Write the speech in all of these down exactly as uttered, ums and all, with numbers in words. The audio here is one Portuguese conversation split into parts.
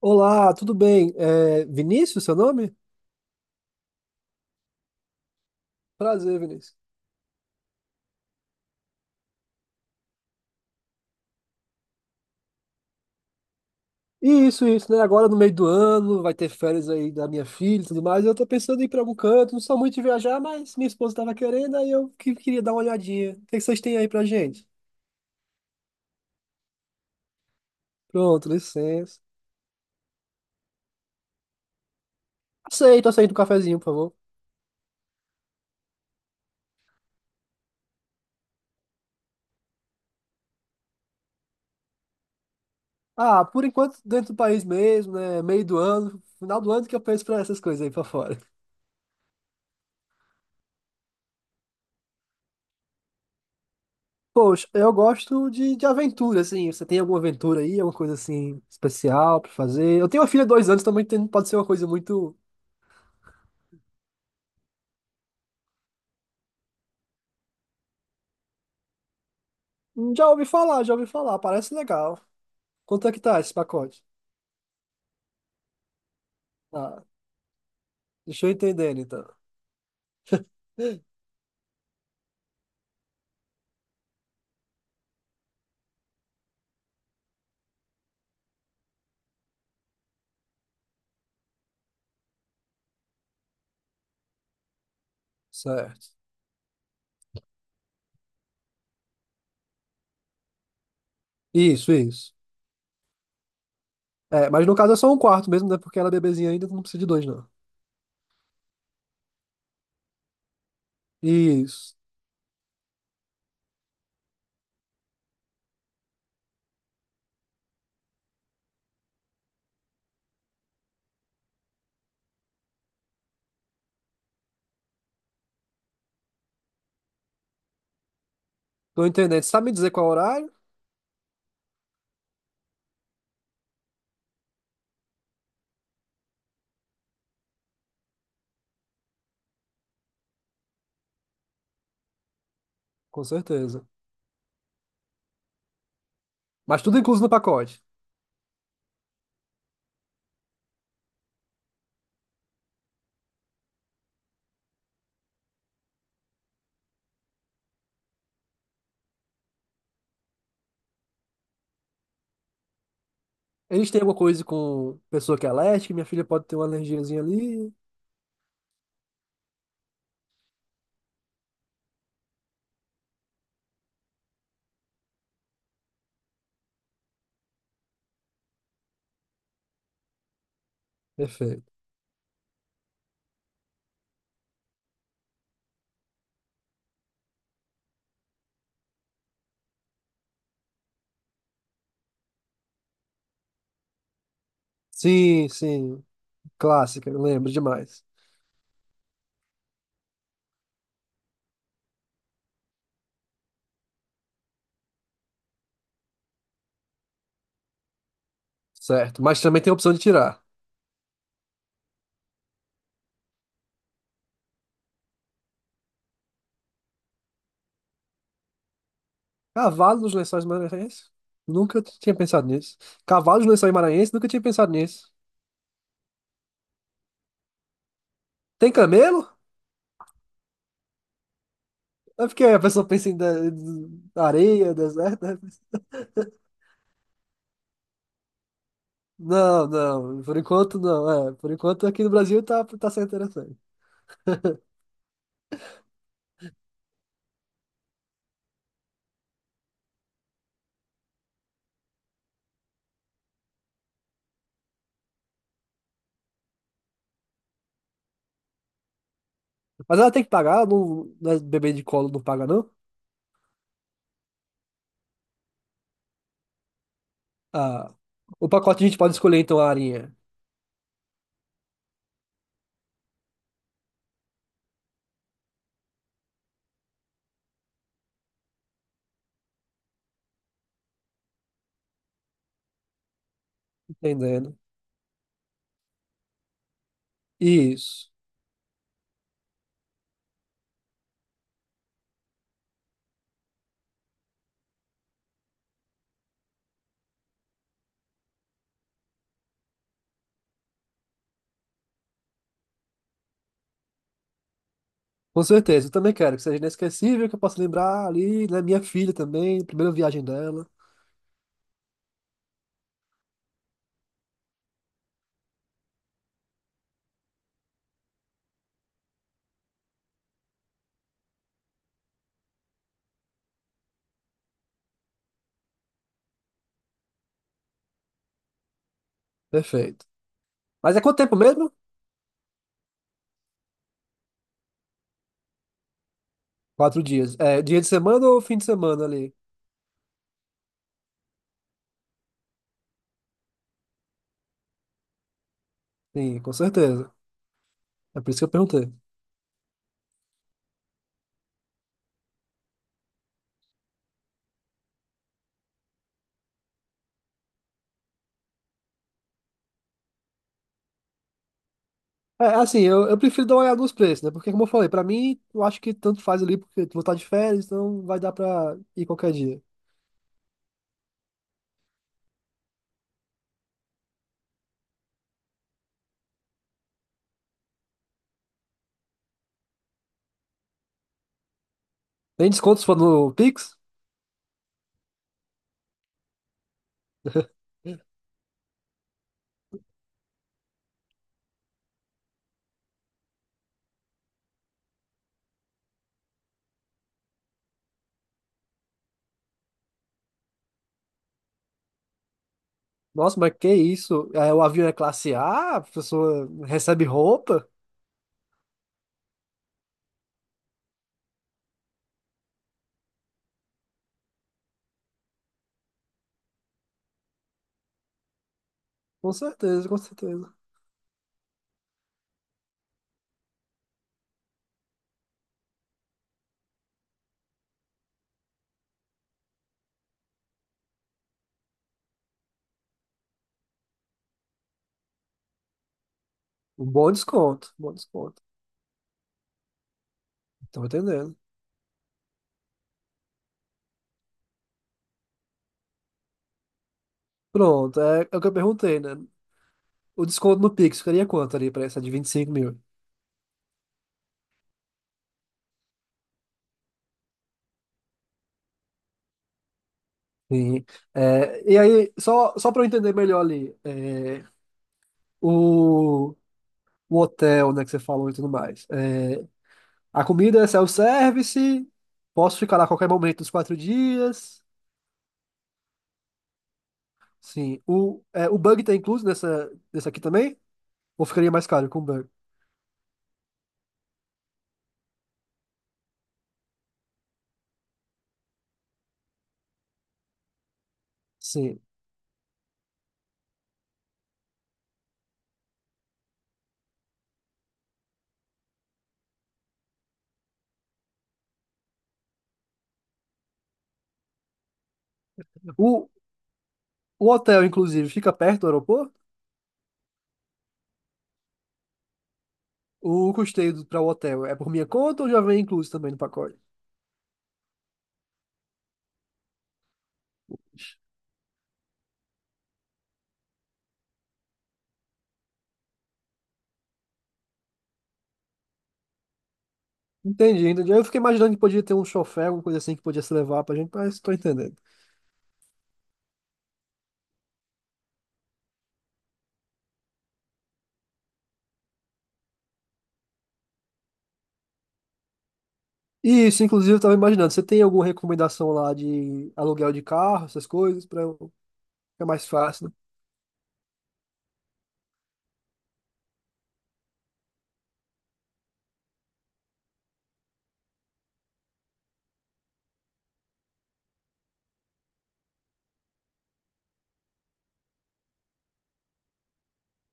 Olá, tudo bem? É Vinícius, seu nome? Prazer, Vinícius. E Isso, isso, né? Agora no meio do ano, vai ter férias aí da minha filha e tudo mais. Eu tô pensando em ir pra algum canto, não sou muito de viajar, mas minha esposa tava querendo, aí eu que- queria dar uma olhadinha. O que que vocês têm aí pra gente? Pronto, licença. Aceito, aceito um cafezinho, por favor. Ah, por enquanto dentro do país mesmo, né? Meio do ano, final do ano que eu penso pra essas coisas aí pra fora. Poxa, eu gosto de, de aventura, assim. Você tem alguma aventura aí, alguma coisa assim especial pra fazer? Eu tenho uma filha de dois anos também, tem- pode ser uma coisa muito. Hum, Já ouvi falar, já ouvi falar, parece legal. Quanto é que tá esse pacote? Ah, deixa eu entender então. Certo. Isso, isso. É, mas no caso é só um quarto mesmo, né? Porque ela é bebezinha ainda, não precisa de dois, não. Isso. Tô entendendo. Sabe me dizer qual é o horário? Com certeza. Mas tudo incluso no pacote. Eles têm alguma coisa com pessoa que é alérgica, minha filha pode ter uma alergiazinha ali. Perfeito. Sim, sim. Clássica, eu lembro demais. Certo. Mas também tem a opção de tirar. Cavalo nos Lençóis Maranhenses? Nunca t- tinha pensado nisso. Cavalo nos Lençóis Maranhenses? Nunca tinha pensado nisso. Tem camelo? É porque a pessoa pensa em de- de- areia, deserto, né? Não, não. Por enquanto, não. É, por enquanto aqui no Brasil tá, tá sendo interessante. Mas ela tem que pagar? Não, não é bebê de colo não paga, não? Ah, o pacote a gente pode escolher então a arinha. Entendendo. Isso. Com certeza. Eu também quero que seja inesquecível, que eu possa lembrar ali, né? Minha filha também, primeira viagem dela. Perfeito. Mas é quanto tempo mesmo? Quatro dias. É dia de semana ou fim de semana ali? Sim, com certeza. É por isso que eu perguntei. É, assim, eu, eu prefiro dar uma olhada nos preços, né? Porque, como eu falei, pra mim, eu acho que tanto faz ali, porque tu vou estar de férias, então vai dar pra ir qualquer dia. Tem desconto se for no Pix? Nossa, mas que isso? É, o avião é classe A, a pessoa recebe roupa? Com certeza, com certeza. Um bom desconto, bom desconto. Tô entendendo. Pronto, é, é o que eu perguntei, né? O desconto no Pix ficaria quanto ali pra essa de vinte e cinco mil? Sim. É, e aí, só, só para eu entender melhor ali, é, o. o hotel, né, que você falou e tudo mais. É, a comida é self-service, posso ficar lá a qualquer momento nos quatro dias. Sim, o, é, o bug tá incluso nessa, nessa aqui também? Ou ficaria mais caro com o bug? Sim. O, o hotel, inclusive, fica perto do aeroporto? O custeio para o hotel é por minha conta ou já vem incluso também no pacote? Entendi, entendi. Eu fiquei imaginando que podia ter um chofé, alguma coisa assim que podia se levar pra gente, mas tô entendendo. Isso, inclusive, eu tava imaginando. Você tem alguma recomendação lá de aluguel de carro, essas coisas, para Fica mais fácil, né?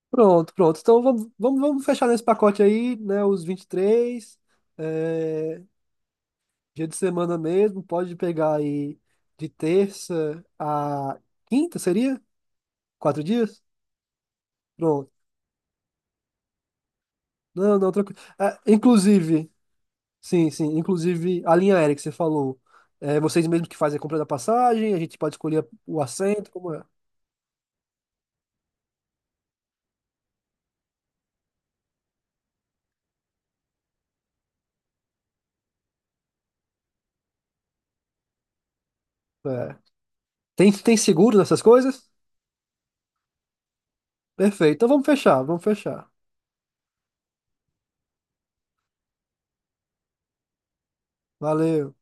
Pronto, pronto. Então vamos, vamos, vamos fechar nesse pacote aí, né? Os vinte e três, é, dia de semana mesmo, pode pegar aí de terça a quinta, seria? Quatro dias? Pronto. Não, não, tranquilo. Ah, inclusive, sim, sim, inclusive a linha aérea que você falou, é, vocês mesmos que fazem a compra da passagem, a gente pode escolher o assento, como é? É. Tem, tem seguro nessas coisas? Perfeito. Então vamos fechar, vamos fechar. Valeu.